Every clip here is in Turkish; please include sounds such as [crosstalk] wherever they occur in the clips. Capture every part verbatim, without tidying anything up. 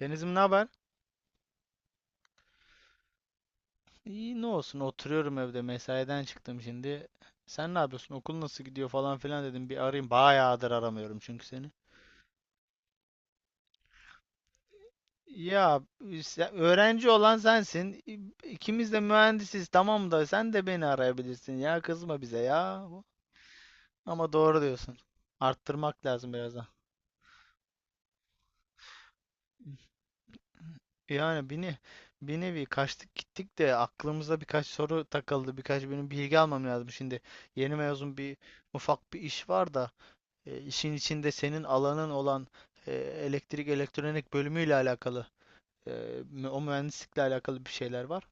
Denizim, ne haber? İyi, ne olsun, oturuyorum evde, mesaiden çıktım şimdi. Sen ne yapıyorsun? Okul nasıl gidiyor falan filan, dedim bir arayayım. Bayağıdır aramıyorum çünkü seni. Ya, sen- öğrenci olan sensin. İ- İkimiz de mühendisiz, tamam da sen de beni arayabilirsin ya, kızma bize ya. Ama doğru diyorsun. Arttırmak lazım biraz daha. Yani bir, ne- bir nevi kaçtık gittik de aklımıza birkaç soru takıldı. Birkaç benim bilgi almam lazım şimdi. Yeni mezun bir ufak bir iş var da. e, işin içinde senin alanın olan e, elektrik elektronik bölümüyle alakalı, e, o mühendislikle alakalı bir şeyler var.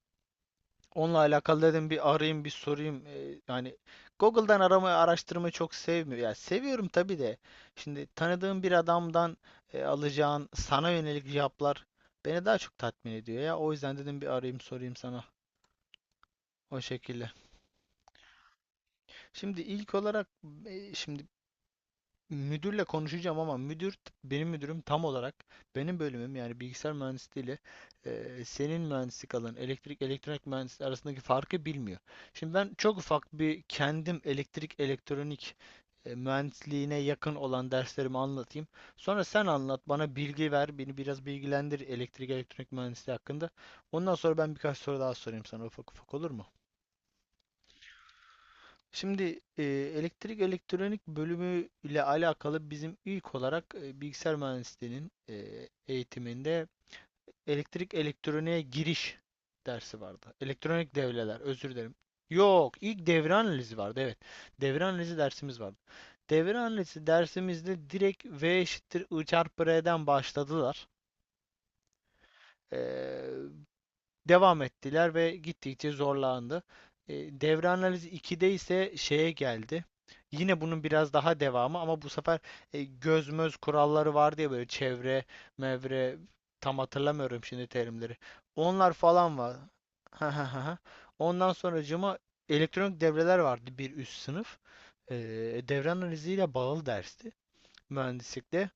Onunla alakalı dedim, bir arayayım bir sorayım. E, yani Google'dan aramayı araştırmayı çok sevmiyorum. Ya, seviyorum tabii de. Şimdi tanıdığım bir adamdan e, alacağın sana yönelik cevaplar beni daha çok tatmin ediyor ya. O yüzden dedim, bir arayayım sorayım sana, o şekilde. Şimdi ilk olarak, e, şimdi müdürle konuşacağım ama müdür benim müdürüm tam olarak benim bölümüm, yani bilgisayar mühendisliği ile eee, senin mühendislik alanın elektrik elektronik mühendisliği arasındaki farkı bilmiyor. Şimdi ben çok ufak bir kendim elektrik elektronik e, mühendisliğine yakın olan derslerimi anlatayım. Sonra sen anlat bana, bilgi ver, beni biraz bilgilendir elektrik elektronik mühendisliği hakkında. Ondan sonra ben birkaç soru daha sorayım sana, ufak ufak, olur mu? Şimdi e, elektrik elektronik bölümü ile alakalı bizim ilk olarak e, bilgisayar mühendisliğinin e, eğitiminde elektrik elektroniğe giriş dersi vardı. Elektronik devreler, özür dilerim. Yok, ilk devre analizi vardı. Evet, devre analizi dersimiz vardı. Devre analizi dersimizde direkt V eşittir I çarpı R'den başladılar. E, Devam ettiler ve gittikçe zorlandı. E, devre analizi ikide ise şeye geldi. Yine bunun biraz daha devamı ama bu sefer e, göz möz kuralları vardı ya, böyle çevre, mevre, tam hatırlamıyorum şimdi terimleri. Onlar falan var. [laughs] Ha ha ha. Ondan sonracığıma elektronik devreler vardı, bir üst sınıf. E, Devre analiziyle bağlı dersti mühendislikte.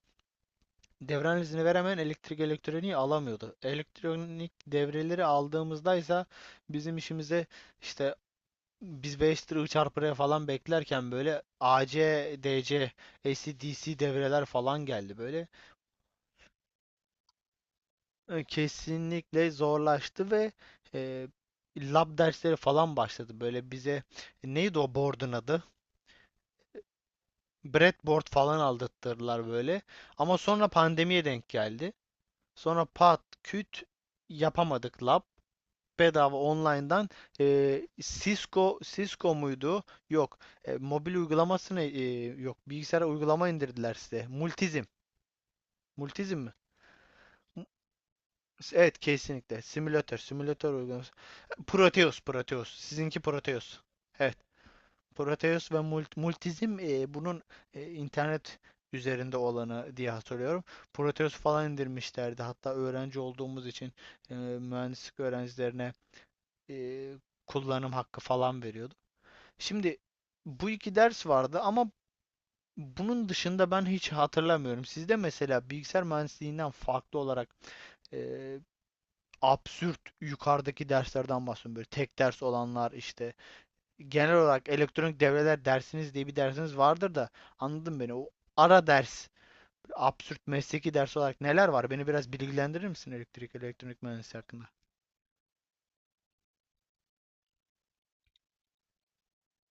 Devran izni veremeyen elektrik elektroniği alamıyordu. Elektronik devreleri aldığımızda ise bizim işimize işte biz 5 lira çarpıya falan beklerken böyle AC, DC, AC/DC devreler falan geldi böyle. E, Kesinlikle zorlaştı ve e, lab dersleri falan başladı. Böyle bize. E, neydi o board'un adı? Breadboard falan aldırttılar böyle. Ama sonra pandemiye denk geldi. Sonra pat küt yapamadık lab. Bedava online'dan, e, Cisco Cisco muydu? Yok. E, mobil uygulamasını, e, yok, bilgisayara uygulama indirdiler size. Multizm. Multizm mi? Evet, kesinlikle. Simülatör. Simülatör uygulaması. Proteus. Proteus. Sizinki Proteus. Evet. Proteus ve Mult- Multizm, e, bunun e, internet üzerinde olanı diye hatırlıyorum. Proteus falan indirmişlerdi. Hatta öğrenci olduğumuz için e, mühendislik öğrencilerine e, kullanım hakkı falan veriyorduk. Şimdi bu iki ders vardı ama bunun dışında ben hiç hatırlamıyorum. Sizde mesela bilgisayar mühendisliğinden farklı olarak eee, absürt yukarıdaki derslerden bahsediyorum. Böyle tek ders olanlar, işte genel olarak elektronik devreler dersiniz diye bir dersiniz vardır da, anladın beni. O ara ders, absürt mesleki ders olarak neler var? Beni biraz bilgilendirir misin elektrik elektronik mühendisliği hakkında?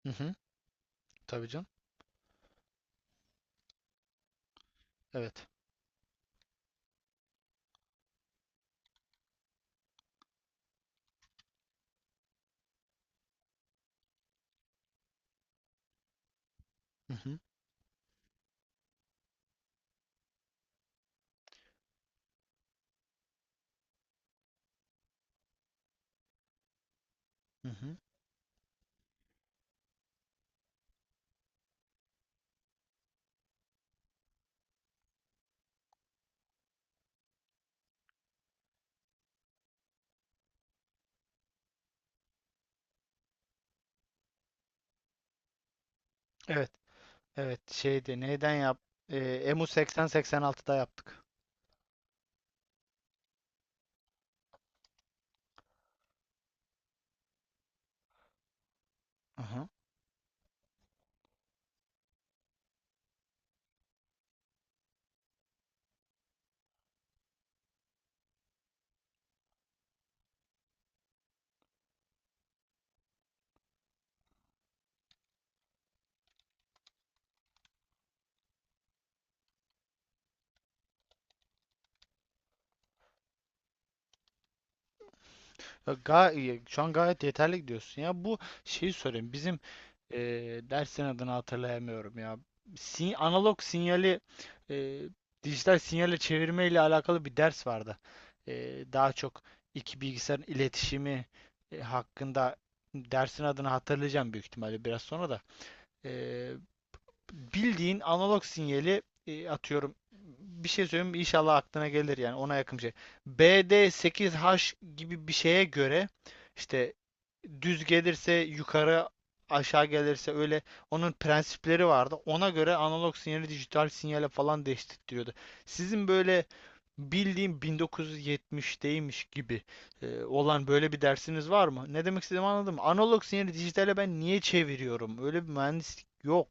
Hı hı, tabii canım. Evet. Hı hı, hı hı. Evet. Evet, şeydi, neyden yap? Ee, Emu seksen seksen altıda yaptık. Aha. Ya ga- e, şu an gayet yeterli gidiyorsun ya. Bu şeyi sorayım. Bizim e, dersin adını hatırlayamıyorum ya. Sin- analog sinyali e, dijital sinyale çevirme ile alakalı bir ders vardı. E, Daha çok iki bilgisayarın iletişimi e, hakkında, dersin adını hatırlayacağım büyük ihtimalle biraz sonra da. E, Bildiğin analog sinyali, e, atıyorum. Bir şey söyleyeyim mi? İnşallah aklına gelir, yani ona yakın bir şey. B D sekiz H gibi bir şeye göre işte düz gelirse yukarı, aşağı gelirse öyle, onun prensipleri vardı. Ona göre analog sinyali dijital sinyale falan değiştiriyordu. Sizin böyle bildiğim bin dokuz yüz yetmişteymiş gibi e, olan böyle bir dersiniz var mı? Ne demek istediğimi anladım. Analog sinyali dijitale ben niye çeviriyorum? Öyle bir mühendislik yok.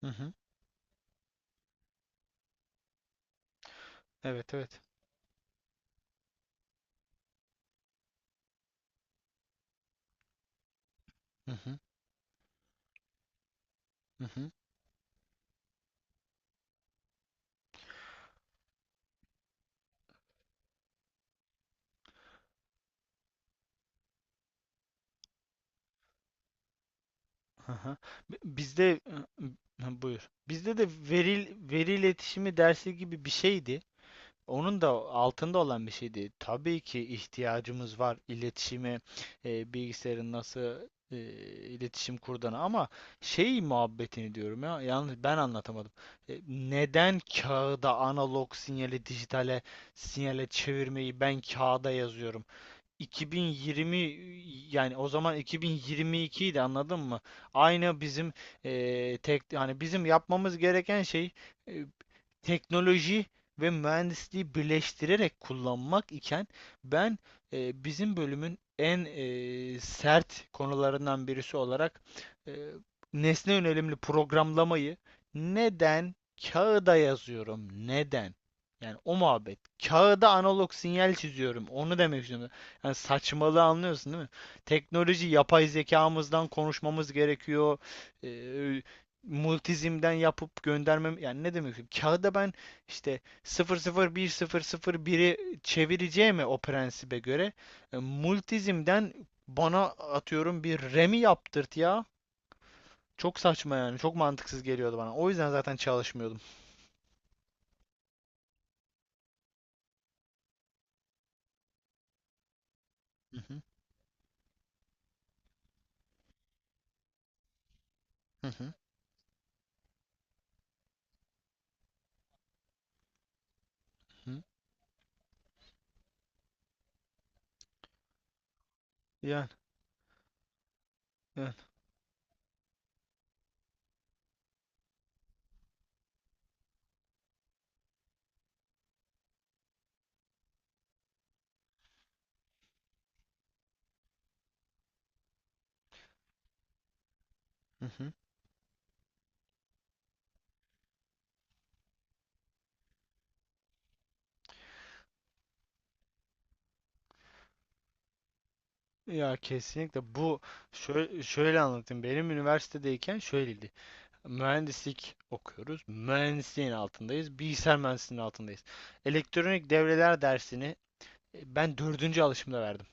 Hı hı. Evet, evet. Hı hı. Hı hı. Hı hı. Bi- Bizde, e, hı, buyur. Bizde de veri veri iletişimi dersi gibi bir şeydi. Onun da altında olan bir şeydi. Tabii ki ihtiyacımız var iletişime, e, bilgisayarın nasıl e, iletişim kurduğuna, ama şey muhabbetini diyorum ya, yalnız ben anlatamadım. E, neden kağıda analog sinyali dijitale sinyale çevirmeyi ben kağıda yazıyorum? iki bin yirmi, yani o zaman iki bin yirmi iki idi, anladın mı? Aynı bizim eee tek, yani bizim yapmamız gereken şey e, teknoloji ve mühendisliği birleştirerek kullanmak iken ben e, bizim bölümün en e, sert konularından birisi olarak e, nesne yönelimli programlamayı neden kağıda yazıyorum? Neden? Yani o muhabbet. Kağıda analog sinyal çiziyorum. Onu demek istiyorum. Yani saçmalığı anlıyorsun değil mi? Teknoloji, yapay zekamızdan konuşmamız gerekiyor. Ee, Multizimden yapıp göndermem, yani ne demek istiyorum? Kağıda ben işte sıfır sıfır bir sıfır sıfır bir biri çevireceğime o prensibe göre e, multizimden bana atıyorum bir remi yaptırt ya. Çok saçma yani. Çok mantıksız geliyordu bana. O yüzden zaten çalışmıyordum. Hı hı, hı hı, hı, yani. Yani. Hı hı. Ya kesinlikle bu, şöyle, şöyle anlatayım. Benim üniversitedeyken şöyleydi. Mühendislik okuyoruz. Mühendisliğin altındayız. Bilgisayar mühendisliğinin altındayız. Elektronik devreler dersini e, ben dördüncü alışımda verdim.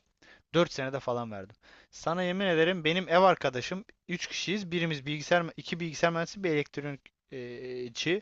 Dört senede falan verdim. Sana yemin ederim, benim ev arkadaşım, üç kişiyiz. Birimiz bilgisayar, iki bilgisayar mühendisi, bir elektronikçi.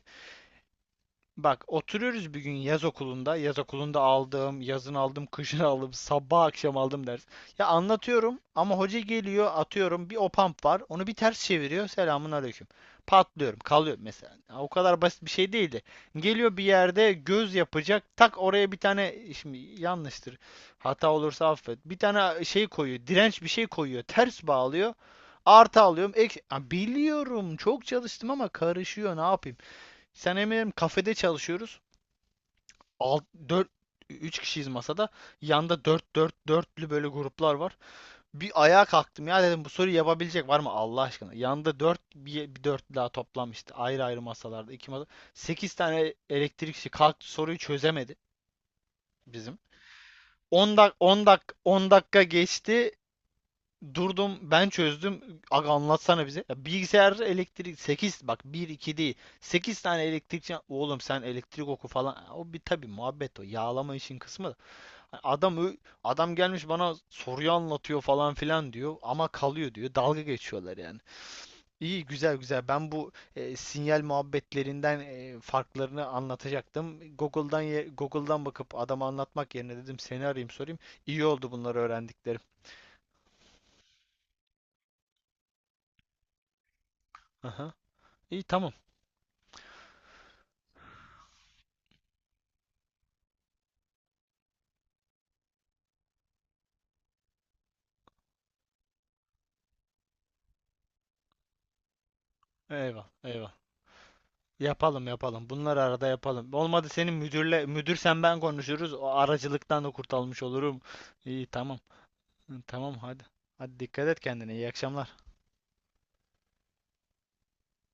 Bak, oturuyoruz bir gün yaz okulunda. Yaz okulunda aldım, yazın aldım, [laughs] kışın aldım, sabah akşam aldım ders. Ya anlatıyorum ama hoca geliyor, atıyorum bir o pump var. Onu bir ters çeviriyor. Selamun aleyküm. Patlıyorum, kalıyorum mesela. Ya o kadar basit bir şey değildi. Geliyor bir yerde göz yapacak. Tak, oraya bir tane, şimdi yanlıştır hata olursa affet, bir tane şey koyuyor. Direnç, bir şey koyuyor. Ters bağlıyor. Artı alıyorum. Ek... Ya biliyorum, çok çalıştım ama karışıyor. Ne yapayım? Sen eminim, kafede çalışıyoruz. altı dört üç kişiyiz masada. Yanda dört dört dörtlü böyle gruplar var. Bir ayağa kalktım ya, dedim bu soruyu yapabilecek var mı Allah aşkına? Yanda dört, bir, bir dörtlü daha toplanmıştı. Ayrı ayrı masalarda, iki masa. Sekiz tane elektrikçi kalktı, soruyu çözemedi bizim. on dak on dak on dakika geçti. Durdum, ben çözdüm. Aga, anlatsana bize. Ya bilgisayar elektrik, sekiz, bak, bir iki değil, sekiz tane elektrikçi, oğlum sen elektrik oku falan. O bir tabii muhabbet, o. Yağlama işin kısmı da. Hani Adam ö- adam gelmiş bana soruyu anlatıyor falan filan diyor, ama kalıyor diyor. Dalga geçiyorlar yani. İyi, güzel güzel. Ben bu e, sinyal muhabbetlerinden e, farklarını anlatacaktım. Google'dan ye- Google'dan bakıp adama anlatmak yerine dedim seni arayayım sorayım. İyi oldu bunları öğrendiklerim. Aha. İyi, tamam. Eyvallah, eyvallah. Yapalım, yapalım. Bunları arada yapalım. Olmadı senin müdürle, müdür sen ben konuşuruz. O aracılıktan da kurtulmuş olurum. İyi, tamam. Tamam, hadi. Hadi, dikkat et kendine. İyi akşamlar.